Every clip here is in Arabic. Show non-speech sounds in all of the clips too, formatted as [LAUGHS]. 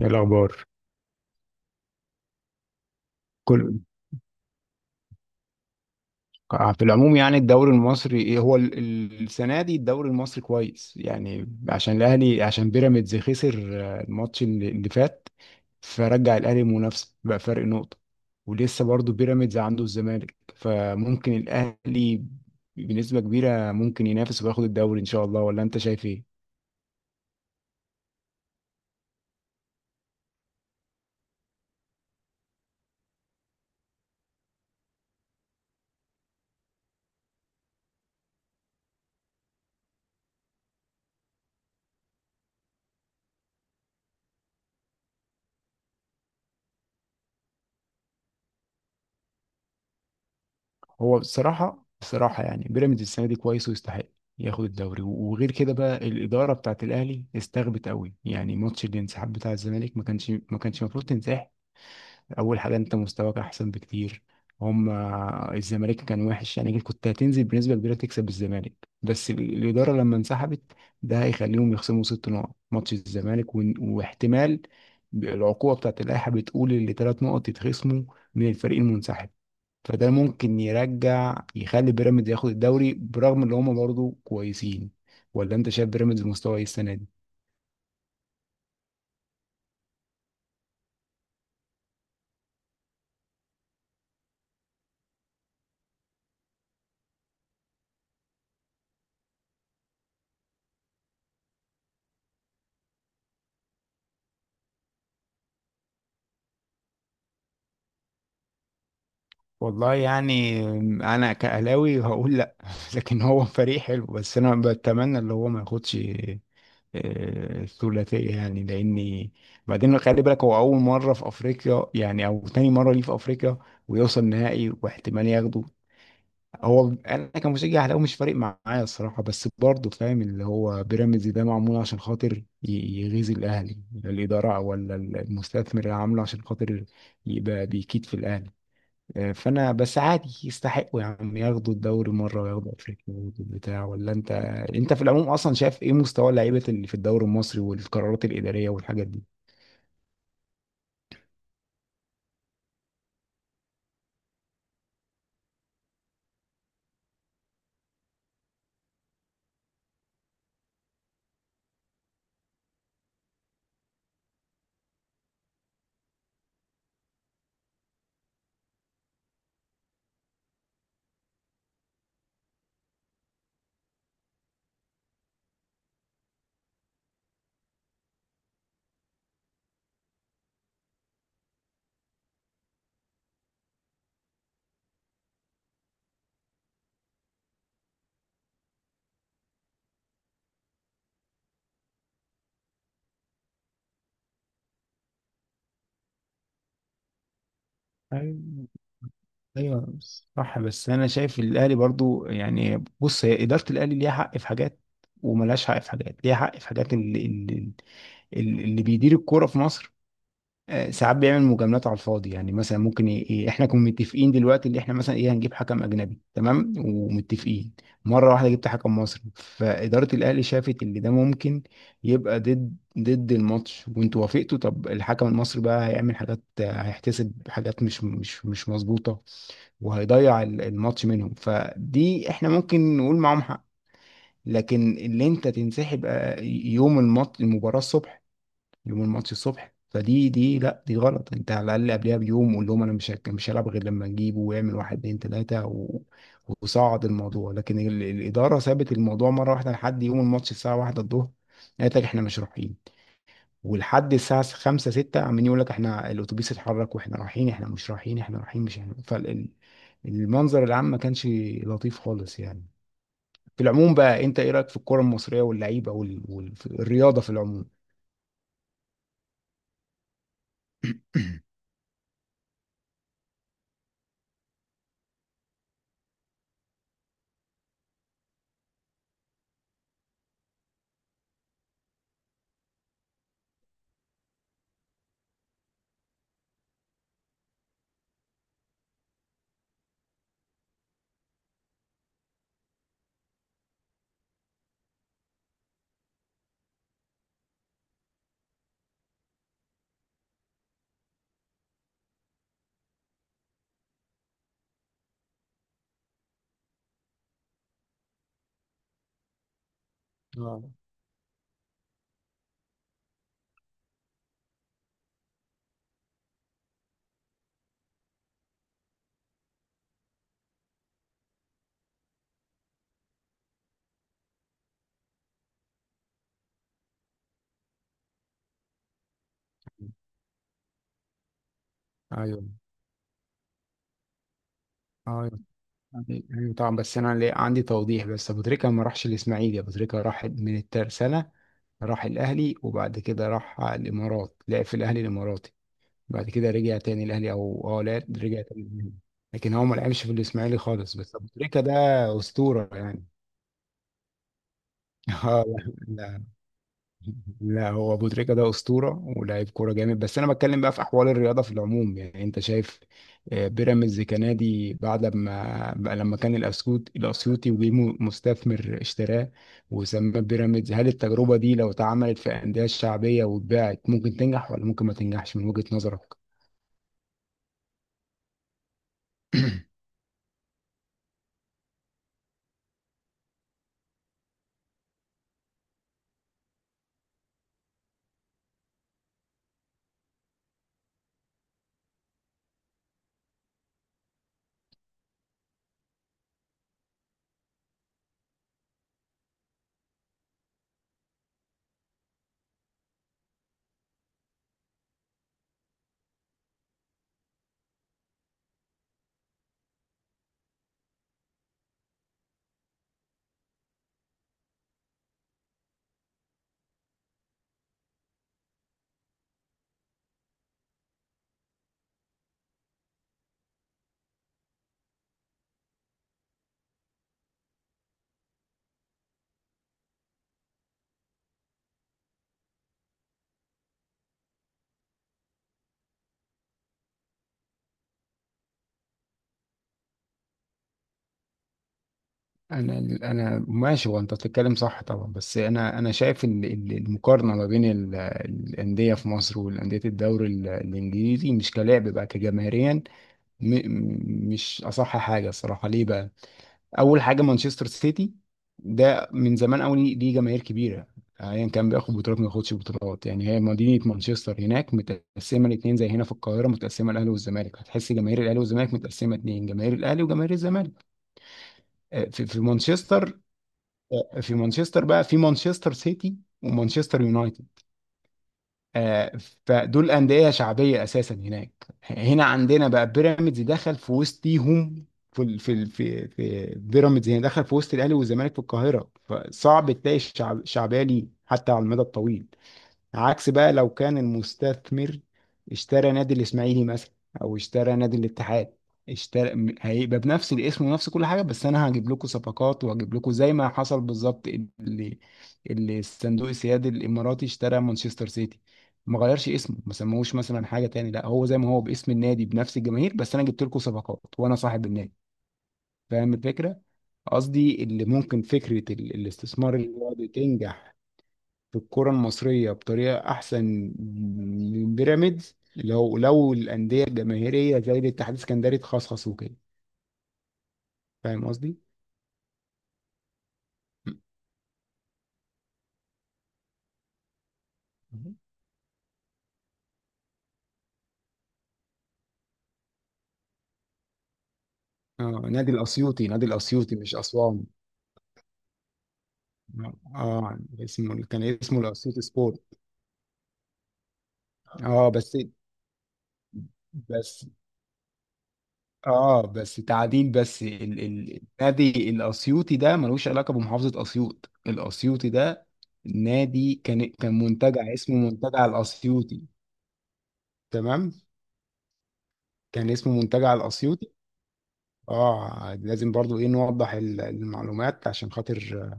ايه الاخبار؟ كل آه، في العموم يعني الدوري المصري إيه هو السنه دي الدوري المصري كويس يعني عشان الاهلي، عشان بيراميدز خسر الماتش اللي فات. فرجع الاهلي منافسه، بقى فرق نقطه ولسه برضه بيراميدز عنده الزمالك، فممكن الاهلي بنسبه كبيره ممكن ينافس وياخد الدوري ان شاء الله. ولا انت شايف ايه؟ هو بصراحة بصراحة يعني بيراميدز السنة دي كويس ويستحق ياخد الدوري، وغير كده بقى الإدارة بتاعت الأهلي استغبت قوي. يعني ماتش الانسحاب بتاع الزمالك ما كانش المفروض تنسحب. أول حاجة أنت مستواك أحسن بكتير هم الزمالك كان وحش يعني كنت هتنزل بنسبة كبيرة تكسب الزمالك، بس الإدارة لما انسحبت، ده هيخليهم يخصموا ست نقط ماتش الزمالك واحتمال العقوبة بتاعت اللائحة بتقول اللي ثلاث نقط يتخصموا من الفريق المنسحب. فده ممكن يرجع يخلي بيراميدز ياخد الدوري برغم ان هم برضه كويسين. ولا انت شايف بيراميدز مستوى ايه السنه دي؟ والله يعني انا كاهلاوي هقول لا [LAUGHS] لكن هو فريق حلو، بس انا بتمنى اللي هو ما ياخدش الثلاثيه يعني، لاني بعدين خلي بالك هو اول مره في افريقيا، يعني او تاني مره ليه في افريقيا ويوصل نهائي واحتمال ياخده. هو انا كمشجع اهلاوي مش فارق معايا الصراحه، بس برضه فاهم اللي هو بيراميدز ده معمول عشان خاطر يغيظ الاهلي، لا الاداره ولا المستثمر اللي عامله عشان خاطر يبقى بيكيد في الاهلي. فانا بس عادي يستحقوا يا عم ياخدوا الدوري مره وياخدوا افريقيا وياخدوا البتاع. ولا انت، انت في العموم اصلا شايف ايه مستوى اللعيبه اللي في الدوري المصري والقرارات الاداريه والحاجات دي؟ ايوه، صح. بس انا شايف الاهلي برضو، يعني بص، هي اداره الاهلي ليها حق في حاجات وملهاش حق في حاجات. ليها حق في حاجات، اللي بيدير الكوره في مصر ساعات بيعمل مجاملات على الفاضي. يعني مثلا ممكن احنا كنا متفقين دلوقتي اللي احنا مثلا ايه هنجيب حكم اجنبي، تمام، ومتفقين. مره واحده جبت حكم مصري، فاداره الاهلي شافت ان ده ممكن يبقى ضد الماتش وانتوا وافقتوا. طب الحكم المصري بقى هيعمل حاجات، هيحتسب حاجات مش مظبوطه وهيضيع الماتش منهم. فدي احنا ممكن نقول معاهم حق. لكن اللي انت تنسحب يوم الماتش المباراة الصبح، يوم الماتش الصبح، فدي، دي لا، دي غلط. انت على الاقل قبلها بيوم قول لهم انا مش هلعب غير لما نجيبه، ويعمل واحد اتنين تلاته وصعد الموضوع. لكن الاداره سابت الموضوع مره واحده لحد يوم الماتش الساعه واحدة الظهر، قالت لك احنا مش رايحين. ولحد الساعة خمسة ستة عمالين يقول لك احنا الأتوبيس اتحرك واحنا رايحين، احنا مش رايحين، احنا رايحين، مش احنا. فالمنظر العام ما كانش لطيف خالص يعني. في العموم بقى انت ايه رأيك في الكرة المصرية واللعيبة والرياضة في العموم؟ اه. ايوه. ايوه ايوه طبعا. بس انا عندي توضيح. بس ابو تريكه ما راحش الاسماعيلي، ابو تريكه راح من الترسانه، راح الاهلي وبعد كده راح الامارات، لعب في الاهلي الاماراتي، بعد كده رجع تاني الاهلي، او اه لا، رجع تاني الأهلي. لكن هو ما لعبش في الاسماعيلي خالص. بس ابو تريكه ده اسطوره يعني [LAUGHS] اه. لا لا لا هو ابو تريكه ده اسطوره ولاعيب كوره جامد. بس انا بتكلم بقى في احوال الرياضه في العموم. يعني انت شايف بيراميدز كنادي بعد ما بقى، لما كان الاسيوطي وجه مستثمر اشتراه وسماه بيراميدز، هل التجربه دي لو اتعملت في انديه شعبيه واتباعت ممكن تنجح ولا ممكن ما تنجحش من وجهه نظرك؟ انا انا ماشي وانت بتتكلم، صح طبعا. بس انا شايف ان إن المقارنه ما بين الانديه في مصر والانديه الدوري الانجليزي مش كلاعب بقى، كجماهيريا مش اصح حاجه الصراحه. ليه بقى؟ اول حاجه مانشستر سيتي ده من زمان قوي ليه، ليه جماهير كبيره ايا كان بياخد بطولات ما ياخدش بطولات. يعني هي مدينه مانشستر هناك متقسمه الاثنين، زي هنا في القاهره متقسمه الاهلي والزمالك، هتحس جماهير الاهلي والزمالك متقسمه اثنين، جماهير الاهلي وجماهير الزمالك في مانشستر بقى، في مانشستر سيتي ومانشستر يونايتد آه، فدول أندية شعبية أساسا هناك. هنا عندنا بقى بيراميدز دخل في وسطيهم في بيراميدز هنا دخل في وسط الأهلي والزمالك في القاهرة، فصعب تلاقي الشعب شعبية ليه حتى على المدى الطويل. عكس بقى لو كان المستثمر اشترى نادي الاسماعيلي مثلا، او اشترى نادي الاتحاد، هيبقى بنفس الاسم ونفس كل حاجه، بس انا هجيب لكم صفقات وهجيب لكم زي ما حصل بالظبط. اللي اللي الصندوق السيادي الاماراتي اشترى مانشستر سيتي، ما غيرش اسمه، ما سموهوش مثلا حاجه تاني، لا هو زي ما هو باسم النادي بنفس الجماهير، بس انا جبت لكم صفقات وانا صاحب النادي. فاهم الفكره؟ قصدي اللي ممكن فكره الاستثمار اللي هو بتنجح في الكرة المصرية بطريقة أحسن من بيراميدز، لو لو الأندية الجماهيرية زي الاتحاد السكندري تخصخصوا كده. فاهم قصدي؟ مهم. اه، نادي الأسيوطي، نادي الأسيوطي مش أسوان. اه اسمه، كان اسمه الأسيوطي سبورت. اه بس، بس، اه بس تعديل، بس ال ال النادي الأسيوطي ده ملوش علاقة بمحافظة أسيوط. الأسيوطي ده نادي، كان منتجع اسمه منتجع الأسيوطي، تمام، كان اسمه منتجع الاسيوطي. اه لازم برضو ايه نوضح المعلومات عشان خاطر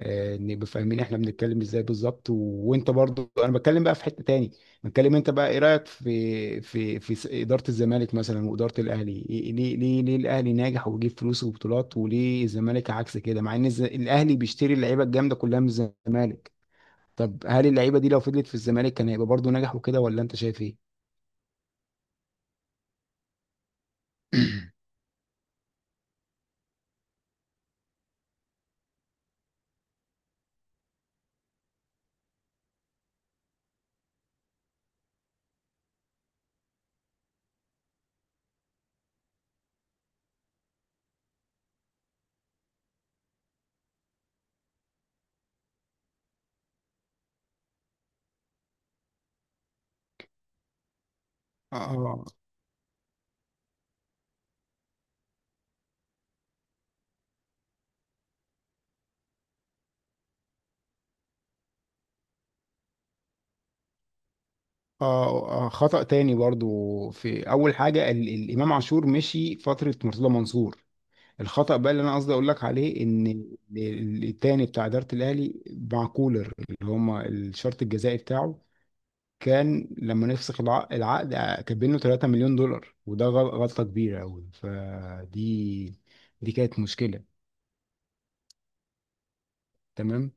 نبقى فاهمين احنا بنتكلم ازاي بالظبط وانت برضو، انا بتكلم بقى في حتة تاني. بتكلم انت بقى ايه رأيك في إدارة الزمالك مثلا وإدارة الاهلي ليه، ليه الاهلي ناجح وبيجيب فلوس وبطولات، وليه الزمالك عكس كده مع ان الاهلي بيشتري اللعيبة الجامدة كلها من الزمالك؟ طب هل اللعيبة دي لو فضلت في الزمالك كان هيبقى برضو ناجح وكده، ولا انت شايف ايه؟ اه. خطأ تاني برضو في أول حاجة، ال الإمام عاشور مشي فترة مرتضى منصور. الخطأ بقى اللي أنا قصدي أقول لك عليه إن التاني بتاع إدارة الأهلي مع كولر اللي هما الشرط الجزائي بتاعه، كان لما نفسخ العقد كاتبين له 3 مليون دولار، وده غلطة كبيرة أوي. فدي، دي كانت مشكلة. تمام.